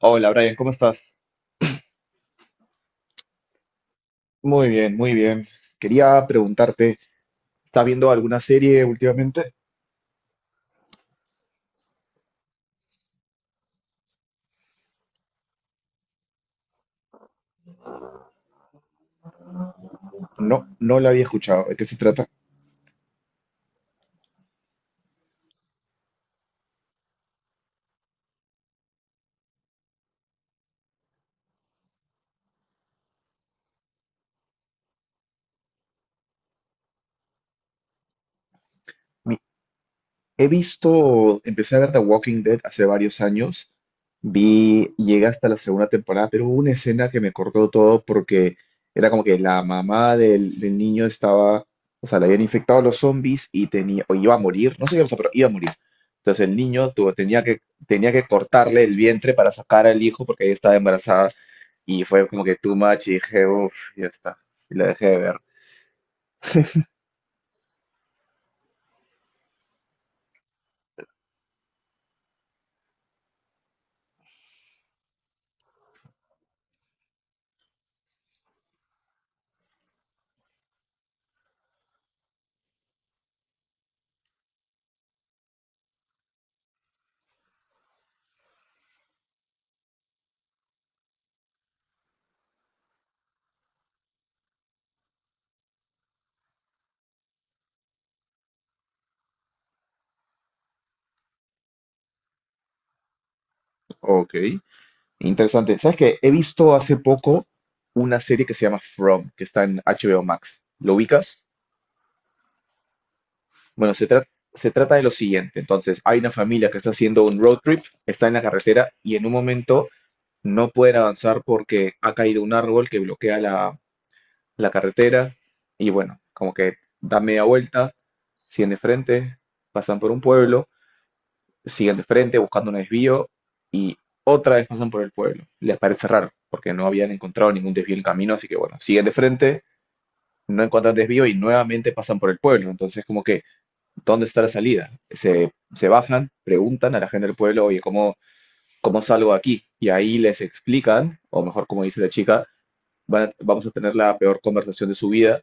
Hola Brian, ¿cómo estás? Muy bien, muy bien. Quería preguntarte, ¿estás viendo alguna serie últimamente? No, no la había escuchado. ¿De qué se trata? He visto, empecé a ver The Walking Dead hace varios años, vi, llegué hasta la segunda temporada, pero hubo una escena que me cortó todo porque era como que la mamá del niño estaba, o sea, le habían infectado a los zombies y tenía, o iba a morir, no sé qué pasó, pero iba a morir. Entonces el niño tenía que cortarle el vientre para sacar al hijo porque ella estaba embarazada y fue como que too much y dije, uff, ya está, y la dejé de ver. Ok. Interesante. ¿Sabes qué? He visto hace poco una serie que se llama From, que está en HBO Max. ¿Lo ubicas? Bueno, se trata de lo siguiente. Entonces, hay una familia que está haciendo un road trip, está en la carretera y en un momento no pueden avanzar porque ha caído un árbol que bloquea la carretera y bueno, como que da media vuelta, siguen de frente, pasan por un pueblo, siguen de frente buscando un desvío y otra vez pasan por el pueblo. Les parece raro, porque no habían encontrado ningún desvío en el camino, así que bueno, siguen de frente, no encuentran desvío y nuevamente pasan por el pueblo. Entonces, como que, ¿dónde está la salida? Se bajan, preguntan a la gente del pueblo, oye, ¿cómo salgo de aquí? Y ahí les explican, o mejor como dice la chica, vamos a tener la peor conversación de su vida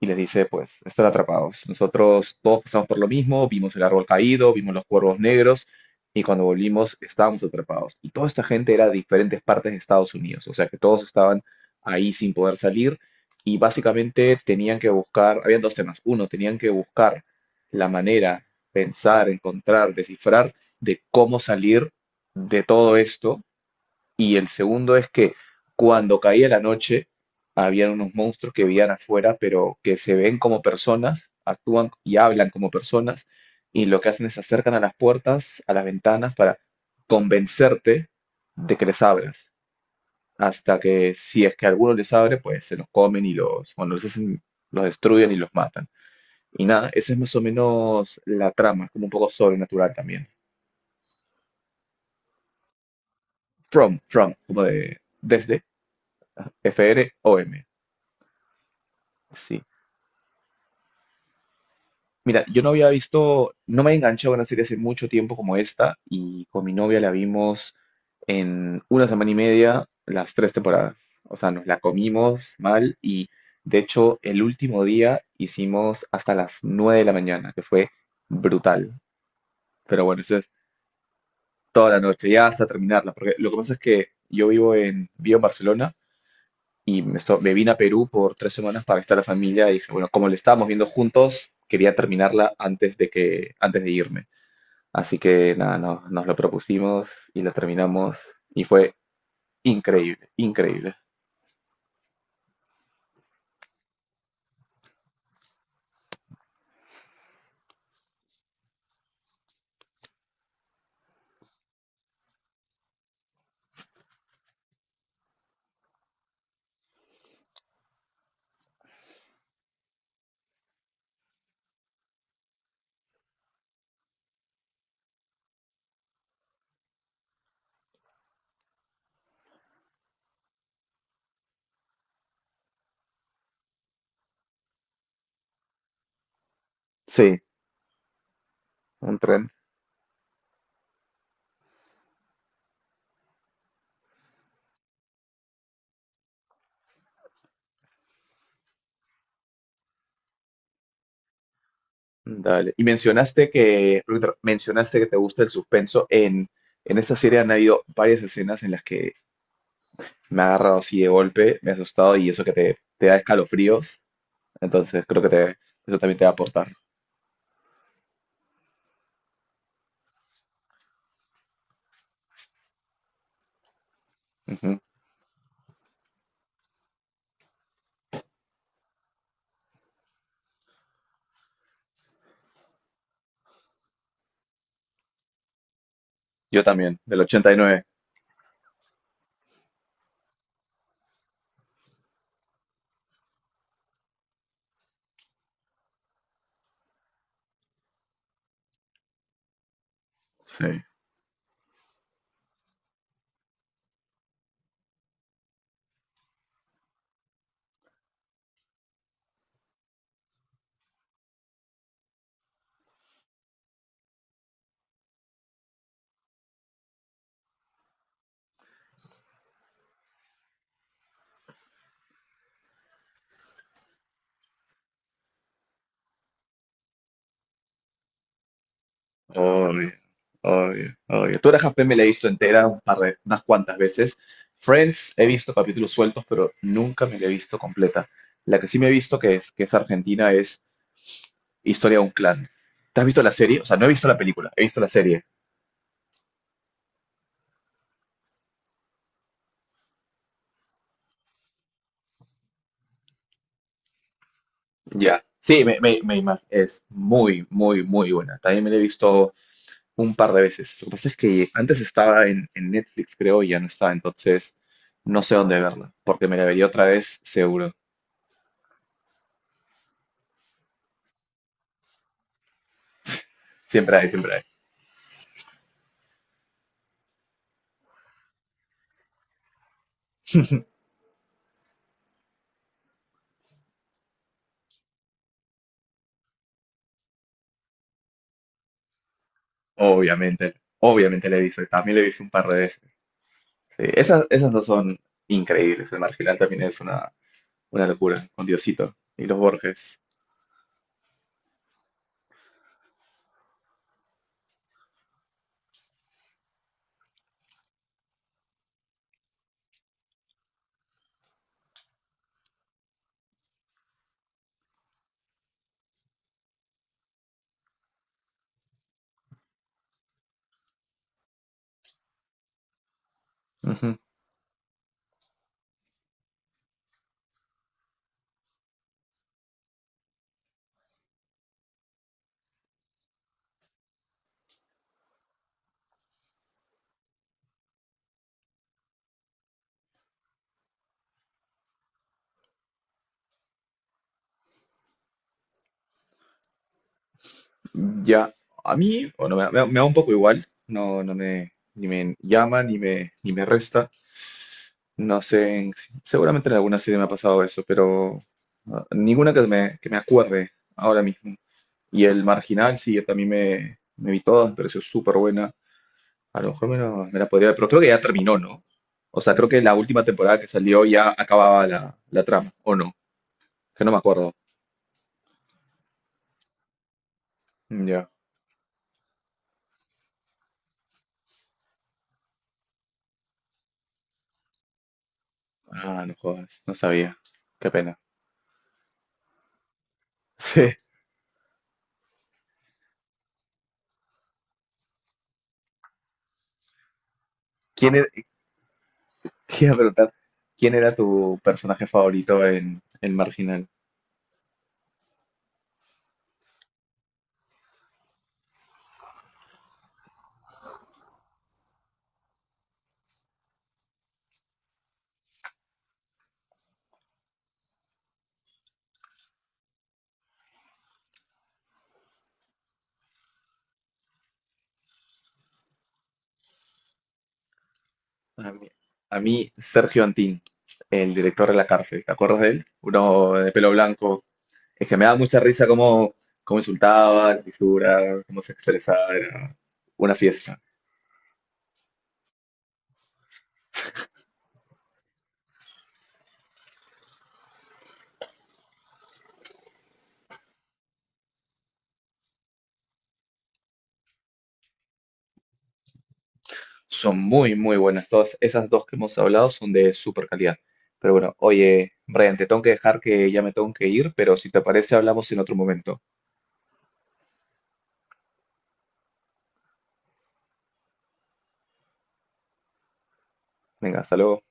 y les dice, pues, están atrapados. Nosotros todos pasamos por lo mismo, vimos el árbol caído, vimos los cuervos negros y cuando volvimos estábamos atrapados. Y toda esta gente era de diferentes partes de Estados Unidos, o sea que todos estaban ahí sin poder salir y básicamente tenían que buscar, habían dos temas. Uno, tenían que buscar la manera, pensar, encontrar, descifrar de cómo salir de todo esto y el segundo es que cuando caía la noche, habían unos monstruos que vivían afuera, pero que se ven como personas, actúan y hablan como personas, y lo que hacen es se acercan a las puertas, a las ventanas, para convencerte de que les abras. Hasta que si es que alguno les abre, pues se los comen y los destruyen y los matan. Y nada, esa es más o menos la trama, como un poco sobrenatural también. From, como de desde, F-R-O-M. Sí. Mira, yo no había visto, no me he enganchado en una serie hace mucho tiempo como esta y con mi novia la vimos en una semana y media las tres temporadas. O sea, nos la comimos mal y de hecho el último día hicimos hasta las nueve de la mañana, que fue brutal. Pero bueno, eso es toda la noche, ya hasta terminarla, porque lo que pasa es que yo vivo en Barcelona y me vine a Perú por tres semanas para estar la familia y dije, bueno, como la estábamos viendo juntos, quería terminarla antes de irme. Así que nada, nos lo propusimos y lo terminamos y fue increíble, increíble. Sí. Un tren. Dale. Y mencionaste que, Ruiter, mencionaste que te gusta el suspenso. En esta serie han habido varias escenas en las que me ha agarrado así de golpe, me ha asustado y eso que te da escalofríos. Entonces creo que eso también te va a aportar. Ujú. Yo también, del 89. Sí. Obvio, obvio, obvio. Tú Half-Men me la he visto entera un par de, unas cuantas veces. Friends he visto capítulos sueltos, pero nunca me la he visto completa. La que sí me he visto que que es argentina es Historia de un clan. ¿Te has visto la serie? O sea, no he visto la película, he visto la serie. Ya. Sí, es muy, muy, muy buena. También me la he visto un par de veces. Lo que pasa es que antes estaba en Netflix, creo, y ya no está, entonces no sé dónde verla, porque me la vería otra vez seguro. Siempre hay, siempre hay. Obviamente, obviamente la he visto, también la he visto un par de veces. Sí, esas dos son increíbles. El Marginal también es una locura, con Diosito y los Borges. Ujú. Ya, a mí, bueno, me da un poco igual, no, no me, ni me llama, ni me resta. No sé, seguramente en alguna serie me ha pasado eso, pero ah, ninguna que que me acuerde ahora mismo. Y el Marginal, sí, yo también me vi todas, me pareció súper buena. A lo mejor me la podría ver, pero creo que ya terminó, ¿no? O sea, creo que la última temporada que salió ya acababa la trama, ¿o no? Que no me acuerdo. Ya. Ah, no jodas, no sabía. Qué pena. Sí. ¿Quién era, te iba a preguntar, ¿quién era tu personaje favorito en El Marginal? A mí, a mí, Sergio Antín, el director de la cárcel, ¿te acuerdas de él? Uno de pelo blanco. Es que me daba mucha risa cómo insultaba, la fisura, cómo se expresaba, era una fiesta. Son muy, muy buenas. Todas esas dos que hemos hablado son de super calidad. Pero bueno, oye, Brian, te tengo que dejar que ya me tengo que ir, pero si te parece, hablamos en otro momento. Venga, hasta luego.